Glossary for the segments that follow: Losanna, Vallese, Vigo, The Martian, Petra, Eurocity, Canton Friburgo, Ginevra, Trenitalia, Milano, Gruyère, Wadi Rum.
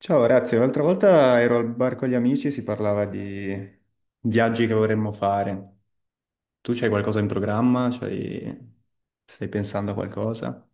Ciao, grazie. L'altra volta ero al bar con gli amici e si parlava di viaggi che vorremmo fare. Tu c'hai qualcosa in programma? Stai pensando a qualcosa?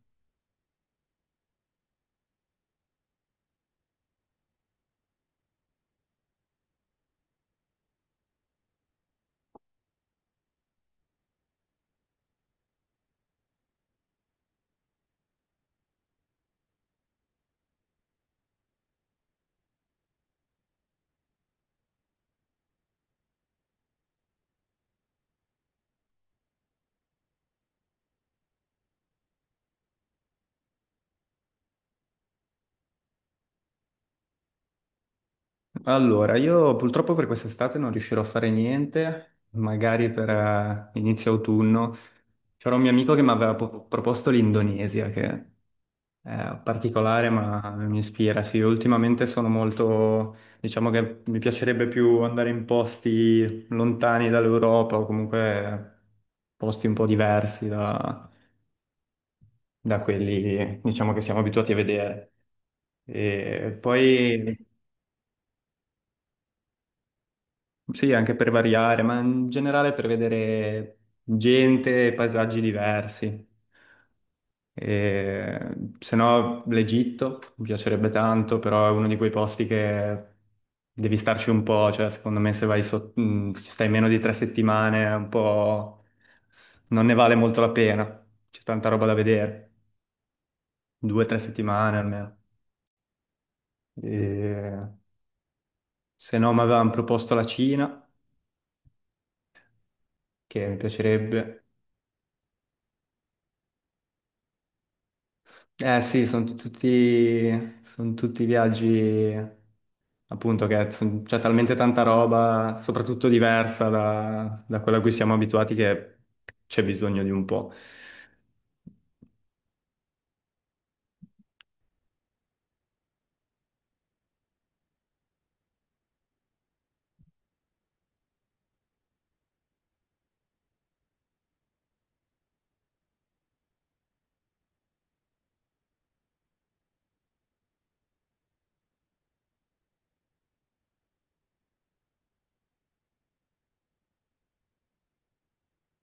Allora, io purtroppo per quest'estate non riuscirò a fare niente, magari per inizio autunno. C'era un mio amico che mi aveva proposto l'Indonesia, che è particolare ma mi ispira. Sì, ultimamente sono molto, diciamo che mi piacerebbe più andare in posti lontani dall'Europa o comunque posti un po' diversi da, quelli, diciamo, che siamo abituati a vedere. E poi. Sì, anche per variare, ma in generale per vedere gente e paesaggi diversi. E, se no, l'Egitto mi piacerebbe tanto, però è uno di quei posti che devi starci un po', cioè secondo me se vai ci stai meno di 3 settimane, è un po', non ne vale molto la pena, c'è tanta roba da vedere, 2 o 3 settimane almeno. E, se no, mi avevano proposto la Cina, che mi piacerebbe. Eh sì, sono tutti, son tutti viaggi appunto che c'è talmente tanta roba, soprattutto diversa da, quella a cui siamo abituati, che c'è bisogno di un po'.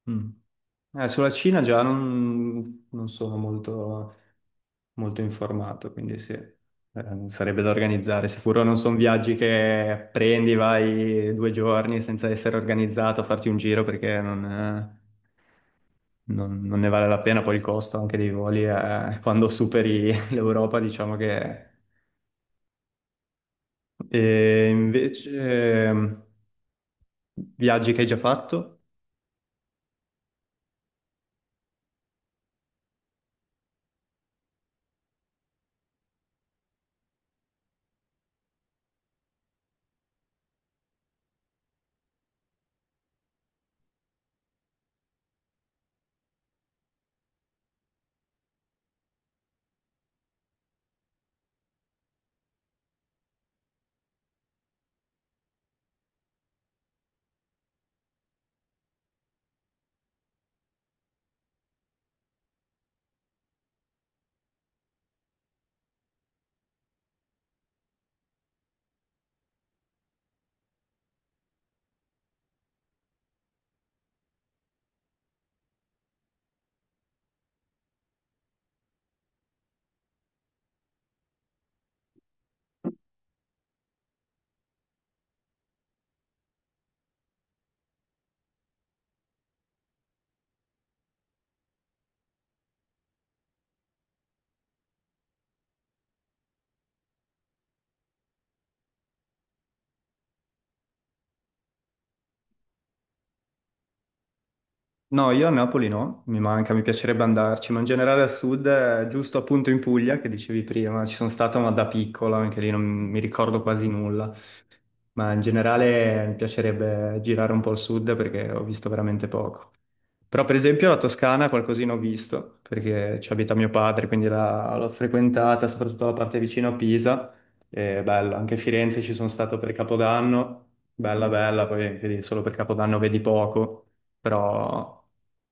Mm. Sulla Cina già non sono molto, molto informato, quindi sì, sarebbe da organizzare. Sicuro non sono viaggi che prendi, vai due giorni senza essere organizzato a farti un giro perché non, eh, non ne vale la pena, poi il costo anche dei voli quando superi l'Europa, diciamo che. E invece, ehm, viaggi che hai già fatto? No, io a Napoli no, mi manca, mi piacerebbe andarci, ma in generale al sud, giusto appunto in Puglia, che dicevi prima, ci sono stato ma da piccola, anche lì non mi ricordo quasi nulla, ma in generale mi piacerebbe girare un po' il sud perché ho visto veramente poco. Però per esempio la Toscana qualcosina ho visto, perché ci abita mio padre, quindi l'ho frequentata, soprattutto la parte vicino a Pisa. È bella, anche Firenze ci sono stato per Capodanno, bella bella, poi anche lì solo per Capodanno vedi poco, però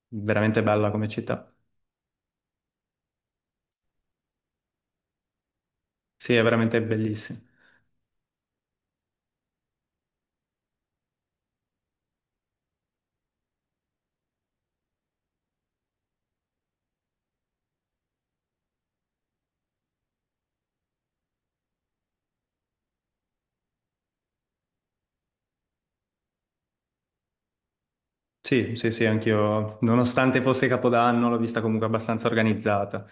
veramente bella come città. Sì, è veramente bellissima. Sì, sì, sì, anch'io, nonostante fosse Capodanno, l'ho vista comunque abbastanza organizzata.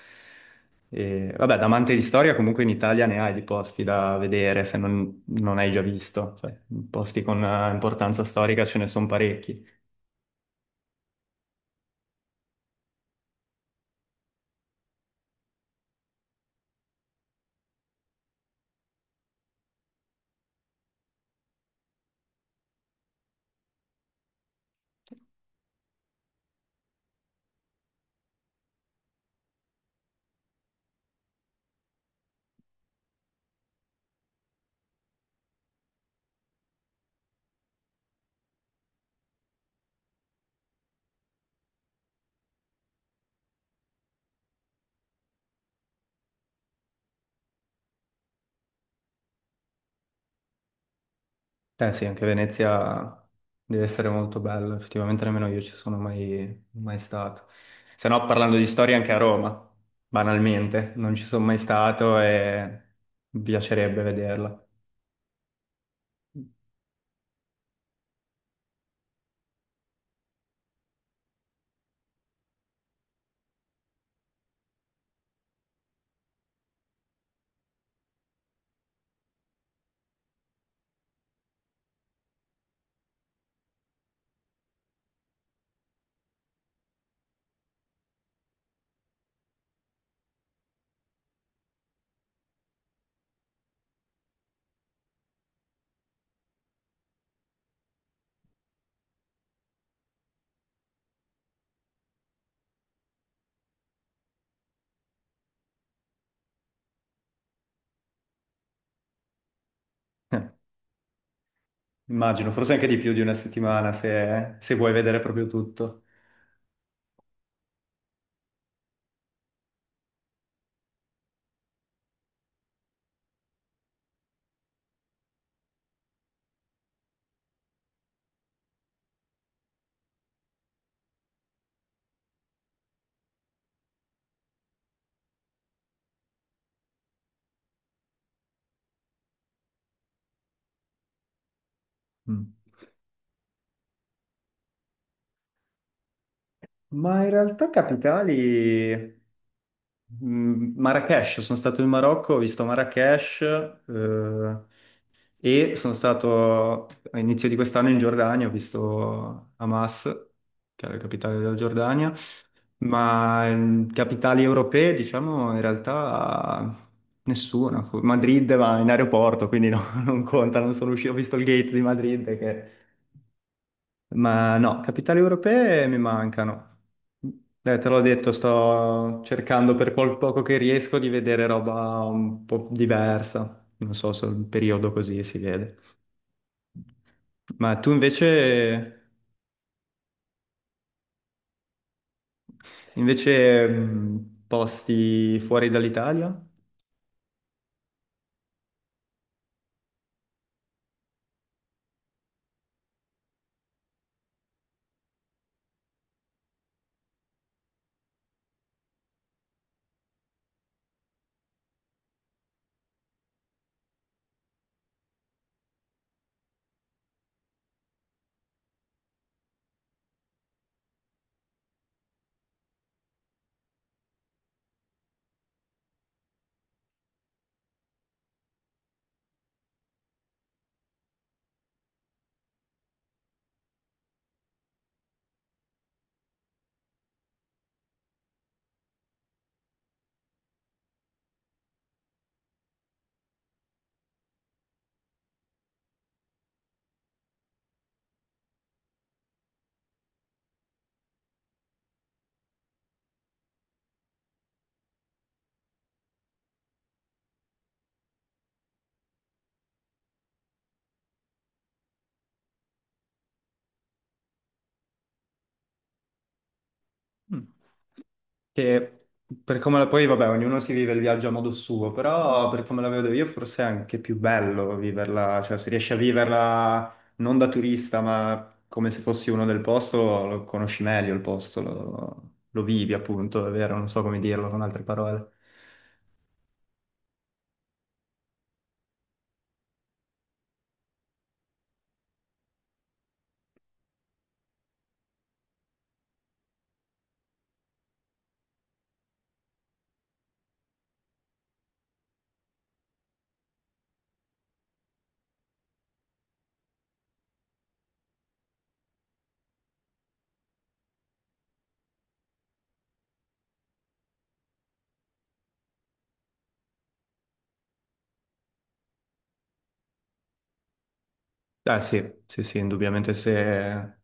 E, vabbè, da amante di storia, comunque in Italia ne hai di posti da vedere, se non hai già visto. Cioè, posti con importanza storica ce ne sono parecchi. Eh sì, anche Venezia deve essere molto bella, effettivamente nemmeno io ci sono mai, mai stato. Se no, parlando di storia, anche a Roma, banalmente, non ci sono mai stato e mi piacerebbe vederla. Eh, immagino, forse anche di più di una settimana se vuoi vedere proprio tutto. Mm. Ma in realtà capitali, Marrakesh, sono stato in Marocco, ho visto Marrakesh, eh, e sono stato all'inizio di quest'anno in Giordania, ho visto Hamas, che è la capitale della Giordania, ma capitali europee, diciamo, in realtà nessuna. Madrid va in aeroporto, quindi no, non conta, non sono uscito, ho visto il gate di Madrid, ma no, capitali europee mi mancano. Te l'ho detto, sto cercando per quel poco che riesco di vedere roba un po' diversa. Non so se il periodo così si vede. Ma tu invece, posti fuori dall'Italia? Mm. Che per come la poi, vabbè, ognuno si vive il viaggio a modo suo, però per come la vedo io forse è anche più bello viverla, cioè se riesci a viverla non da turista, ma come se fossi uno del posto, lo conosci meglio il posto, lo vivi appunto, è vero, non so come dirlo con altre parole. Ah, sì, sì, sì, indubbiamente se,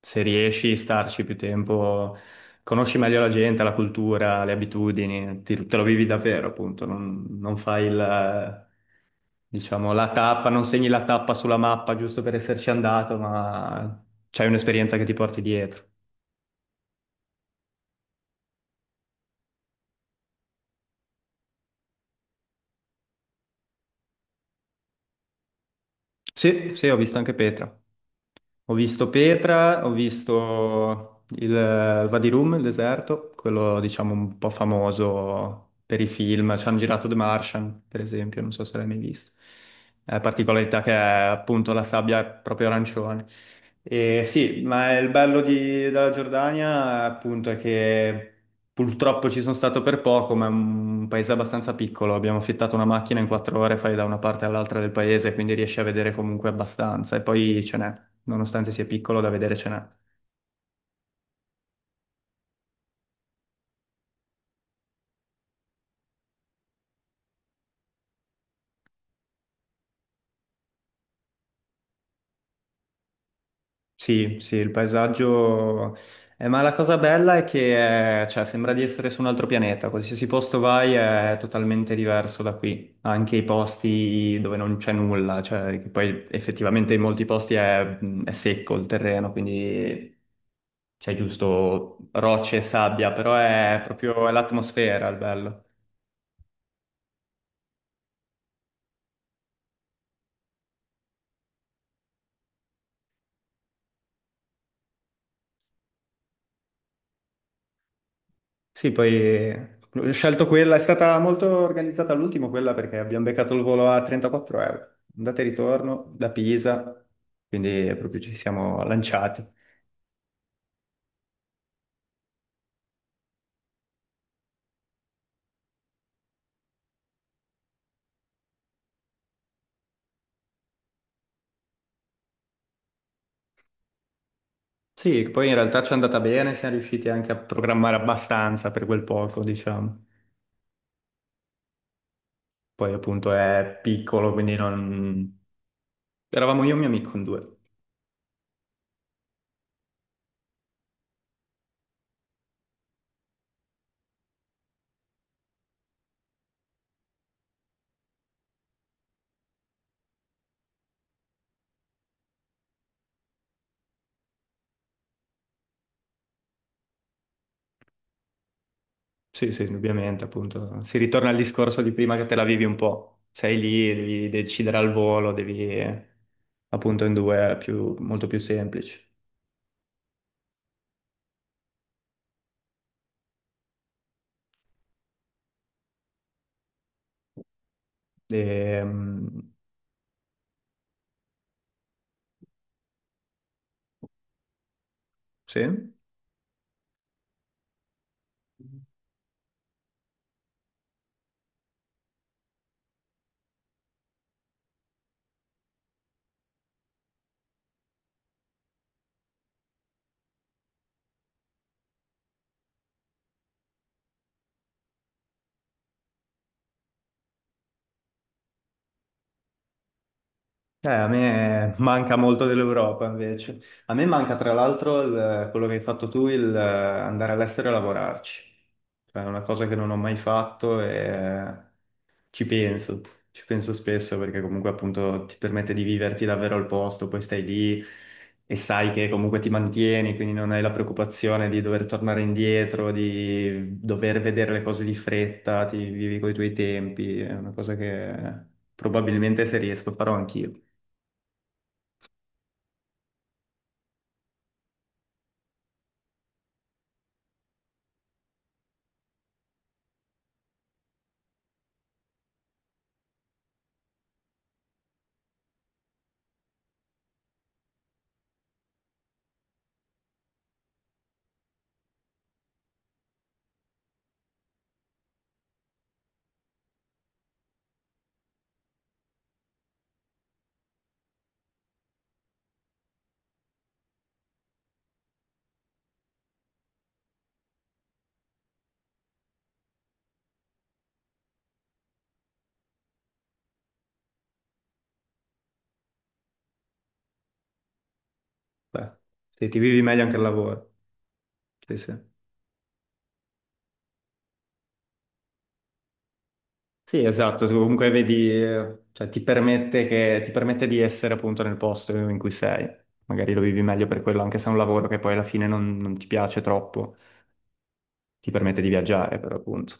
se riesci a starci più tempo, conosci meglio la gente, la cultura, le abitudini, te lo vivi davvero, appunto, non fai il, diciamo, la tappa, non segni la tappa sulla mappa giusto per esserci andato, ma c'hai un'esperienza che ti porti dietro. Sì, sì, ho visto anche Petra. Ho visto Petra, ho visto il Vadirum, il deserto, quello diciamo un po' famoso per i film. Ci hanno girato The Martian, per esempio, non so se l'hai mai visto. La particolarità che è appunto la sabbia è proprio arancione. E sì, ma il bello della Giordania appunto è che purtroppo ci sono stato per poco, ma è un paese abbastanza piccolo. Abbiamo affittato una macchina in 4 ore, fai da una parte all'altra del paese, quindi riesci a vedere comunque abbastanza. E poi ce n'è, nonostante sia piccolo, da vedere ce n'è. Sì, sì, il paesaggio. Ma la cosa bella è che cioè, sembra di essere su un altro pianeta, qualsiasi posto vai è totalmente diverso da qui, anche i posti dove non c'è nulla, cioè, che poi effettivamente in molti posti è secco il terreno, quindi c'è giusto rocce e sabbia, però è proprio è l'atmosfera il bello. Sì, poi ho scelto quella, è stata molto organizzata all'ultimo quella perché abbiamo beccato il volo a 34 euro, andata e ritorno da Pisa, quindi proprio ci siamo lanciati. Sì, poi in realtà ci è andata bene, siamo riusciti anche a programmare abbastanza per quel poco, diciamo. Poi appunto è piccolo, quindi non. Eravamo io e mio amico in due. Sì, sì, indubbiamente, appunto. Si ritorna al discorso di prima che te la vivi un po'. Sei lì, devi decidere al volo, devi appunto in due è più, molto più semplici. E, sì. A me manca molto dell'Europa invece. A me manca tra l'altro quello che hai fatto tu, il andare all'estero e lavorarci. Cioè, è una cosa che non ho mai fatto e ci penso, ci penso spesso perché comunque appunto ti permette di viverti davvero al posto, poi stai lì e sai che comunque ti mantieni, quindi non hai la preoccupazione di dover tornare indietro, di dover vedere le cose di fretta, ti vivi coi tuoi tempi, è una cosa che probabilmente se riesco farò anch'io. Beh, se ti vivi meglio anche al lavoro. Sì, sì. Sì, esatto, comunque vedi, cioè, ti permette di essere appunto nel posto in cui sei. Magari lo vivi meglio per quello, anche se è un lavoro che poi alla fine non ti piace troppo, ti permette di viaggiare, per appunto.